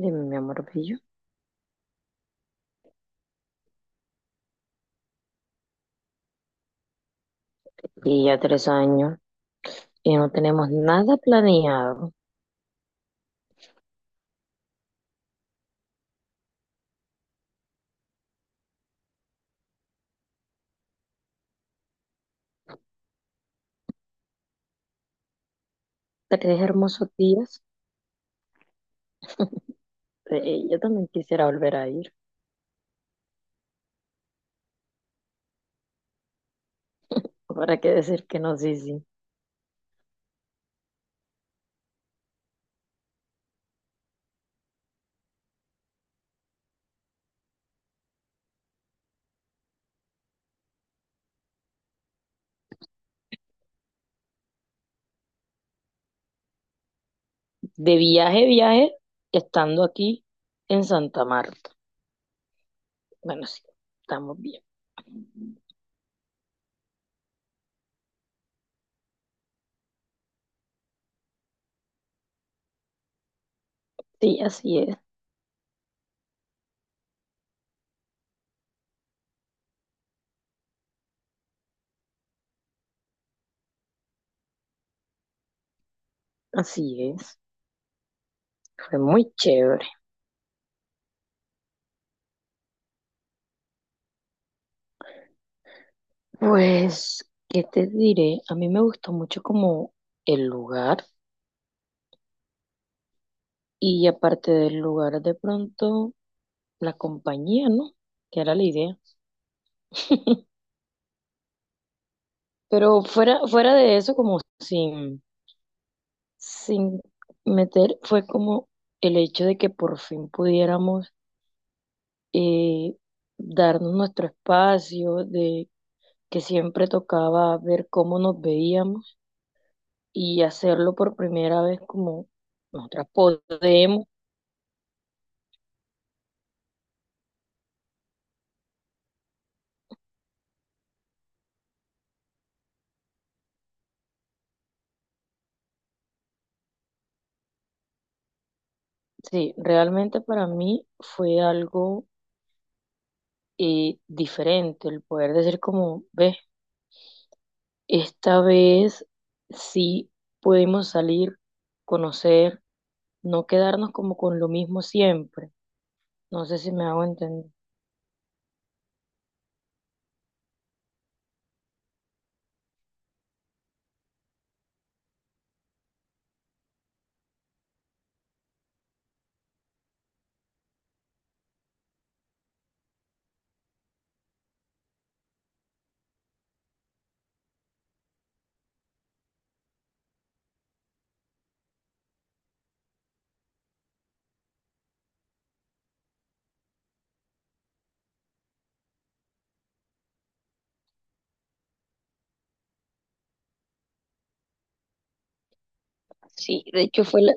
Dime, mi amor bello. Y ya 3 años y no tenemos nada planeado. Tres hermosos días. Yo también quisiera volver a ir. ¿Para qué decir que no? Sí, sí. De viaje, viaje, estando aquí en Santa Marta. Bueno, sí, estamos bien. Sí, así es, así es. Fue muy chévere. Pues, ¿qué te diré? A mí me gustó mucho como el lugar y aparte del lugar de pronto, la compañía, ¿no? Que era la idea. Pero fuera, fuera de eso, como sin meter, fue como el hecho de que por fin pudiéramos eh, darnos nuestro espacio, de que siempre tocaba ver cómo nos veíamos y hacerlo por primera vez como nosotras podemos. Sí, realmente para mí fue algo diferente el poder decir como, ves, esta vez sí pudimos salir, conocer, no quedarnos como con lo mismo siempre. No sé si me hago entender. Sí, de hecho fue la...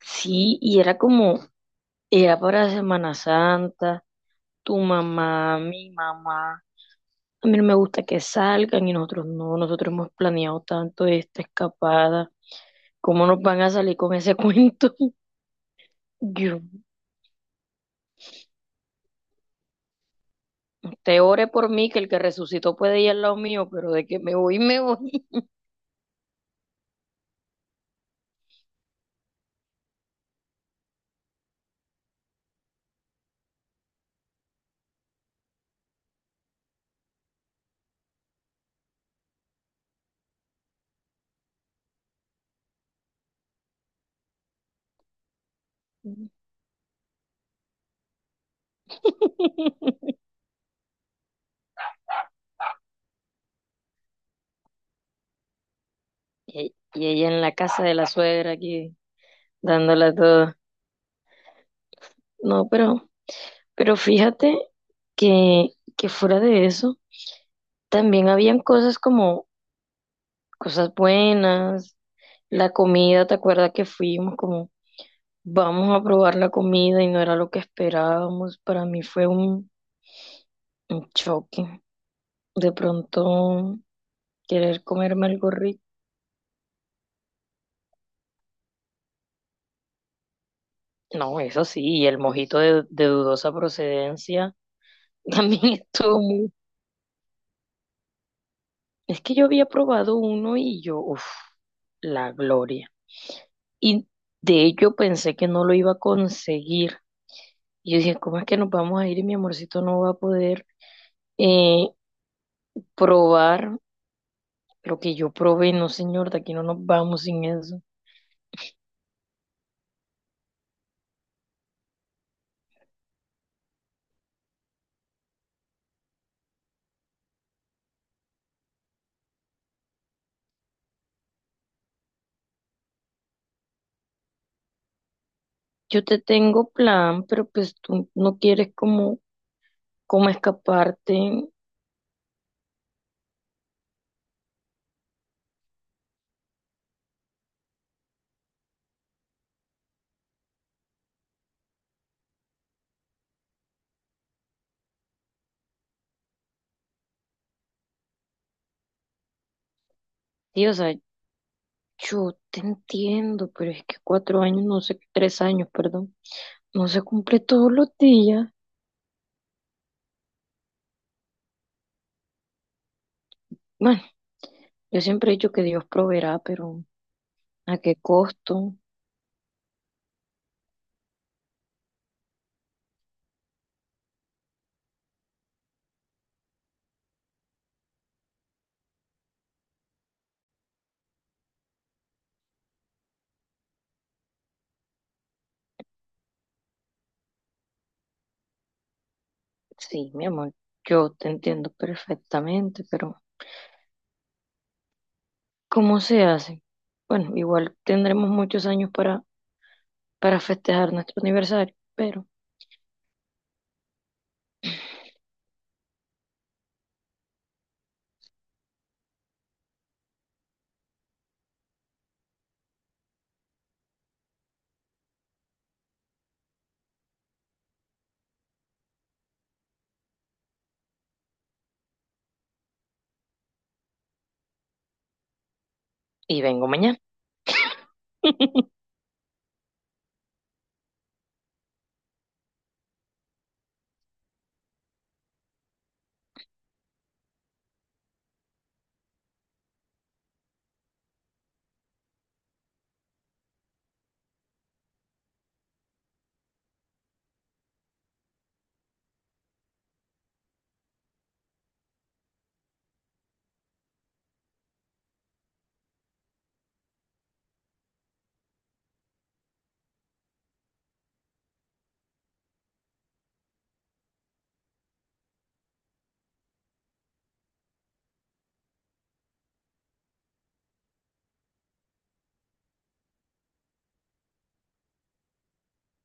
Sí, y era como, era para Semana Santa, tu mamá, mi mamá. A mí no me gusta que salgan y nosotros no, nosotros hemos planeado tanto esta escapada. ¿Cómo nos van a salir con ese cuento? Yo. Te ore por mí, que el que resucitó puede ir al lado mío, pero de que me voy, me voy. Y ella en la casa de la suegra aquí, dándola todo. No, pero fíjate que, que fuera de eso, también habían cosas como cosas buenas, la comida, ¿te acuerdas que fuimos como vamos a probar la comida y no era lo que esperábamos? Para mí fue un choque. De pronto querer comerme algo rico. No, eso sí, y el mojito de dudosa procedencia también estuvo muy... Es que yo había probado uno y yo, uff, la gloria. Y de ello pensé que no lo iba a conseguir. Y yo dije, ¿cómo es que nos vamos a ir y mi amorcito no va a poder eh, probar lo que yo probé? No, señor, de aquí no nos vamos sin eso. Yo te tengo plan, pero pues tú no quieres como, como escaparte. Sí, o sea, yo te entiendo, pero es que 4 años, no sé, 3 años, perdón, no se cumple todos los días. Bueno, yo siempre he dicho que Dios proveerá, pero ¿a qué costo? Sí, mi amor, yo te entiendo perfectamente, pero ¿cómo se hace? Bueno, igual tendremos muchos años para festejar nuestro aniversario, pero... Y vengo mañana.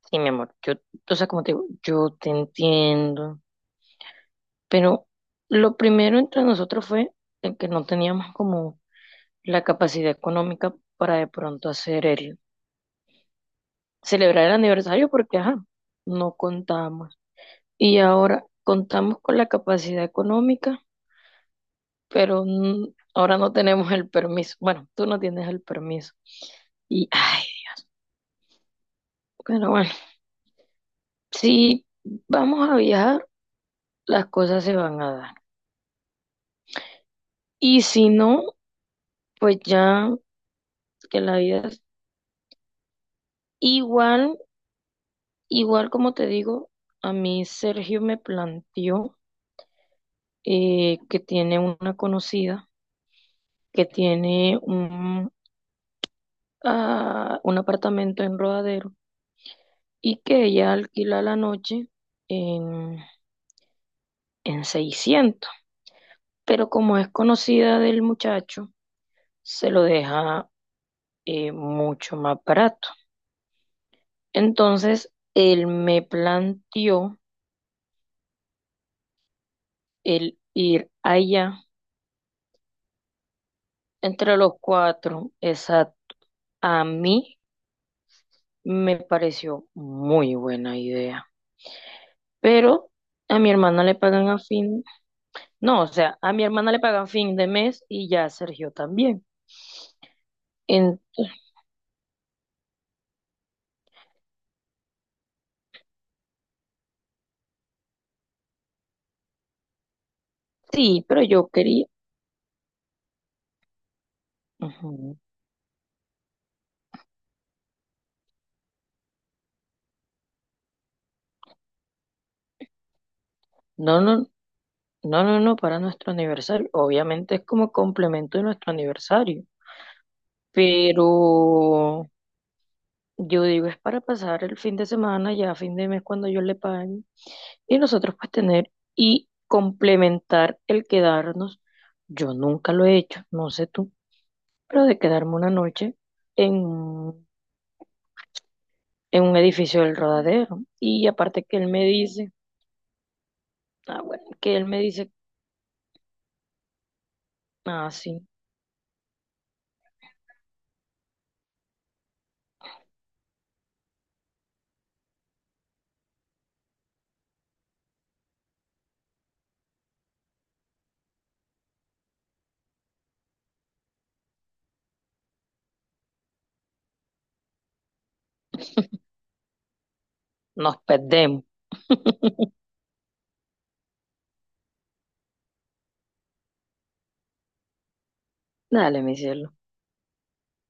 Sí, mi amor, yo, o sea, como te digo, yo te entiendo, pero lo primero entre nosotros fue el que no teníamos como la capacidad económica para de pronto hacer el, celebrar el aniversario porque, ajá, no contábamos. Y ahora contamos con la capacidad económica, pero n- ahora no tenemos el permiso. Bueno, tú no tienes el permiso. Y, ay, pero bueno, si vamos a viajar, las cosas se van a dar. Y si no, pues ya que la vida es igual, igual como te digo, a mí Sergio me planteó que tiene una conocida que tiene un, ah, un apartamento en Rodadero y que ella alquila la noche en, en 600. Pero como es conocida del muchacho, se lo deja mucho más barato. Entonces, él me planteó el ir allá entre los cuatro. Esa a mí me pareció muy buena idea. Pero a mi hermana le pagan a fin. No, o sea, a mi hermana le pagan fin de mes y ya a Sergio también. En sí, pero yo quería. Ujú. No, no, no, no, no, para nuestro aniversario. Obviamente es como complemento de nuestro aniversario. Pero yo digo, es para pasar el fin de semana, ya a fin de mes cuando yo le pague. Y nosotros pues tener y complementar el quedarnos. Yo nunca lo he hecho, no sé tú, pero de quedarme una noche en en un edificio del Rodadero. Y aparte que él me dice, ah, bueno, que él me dice, ah, sí, nos perdemos. Dale, mi cielo.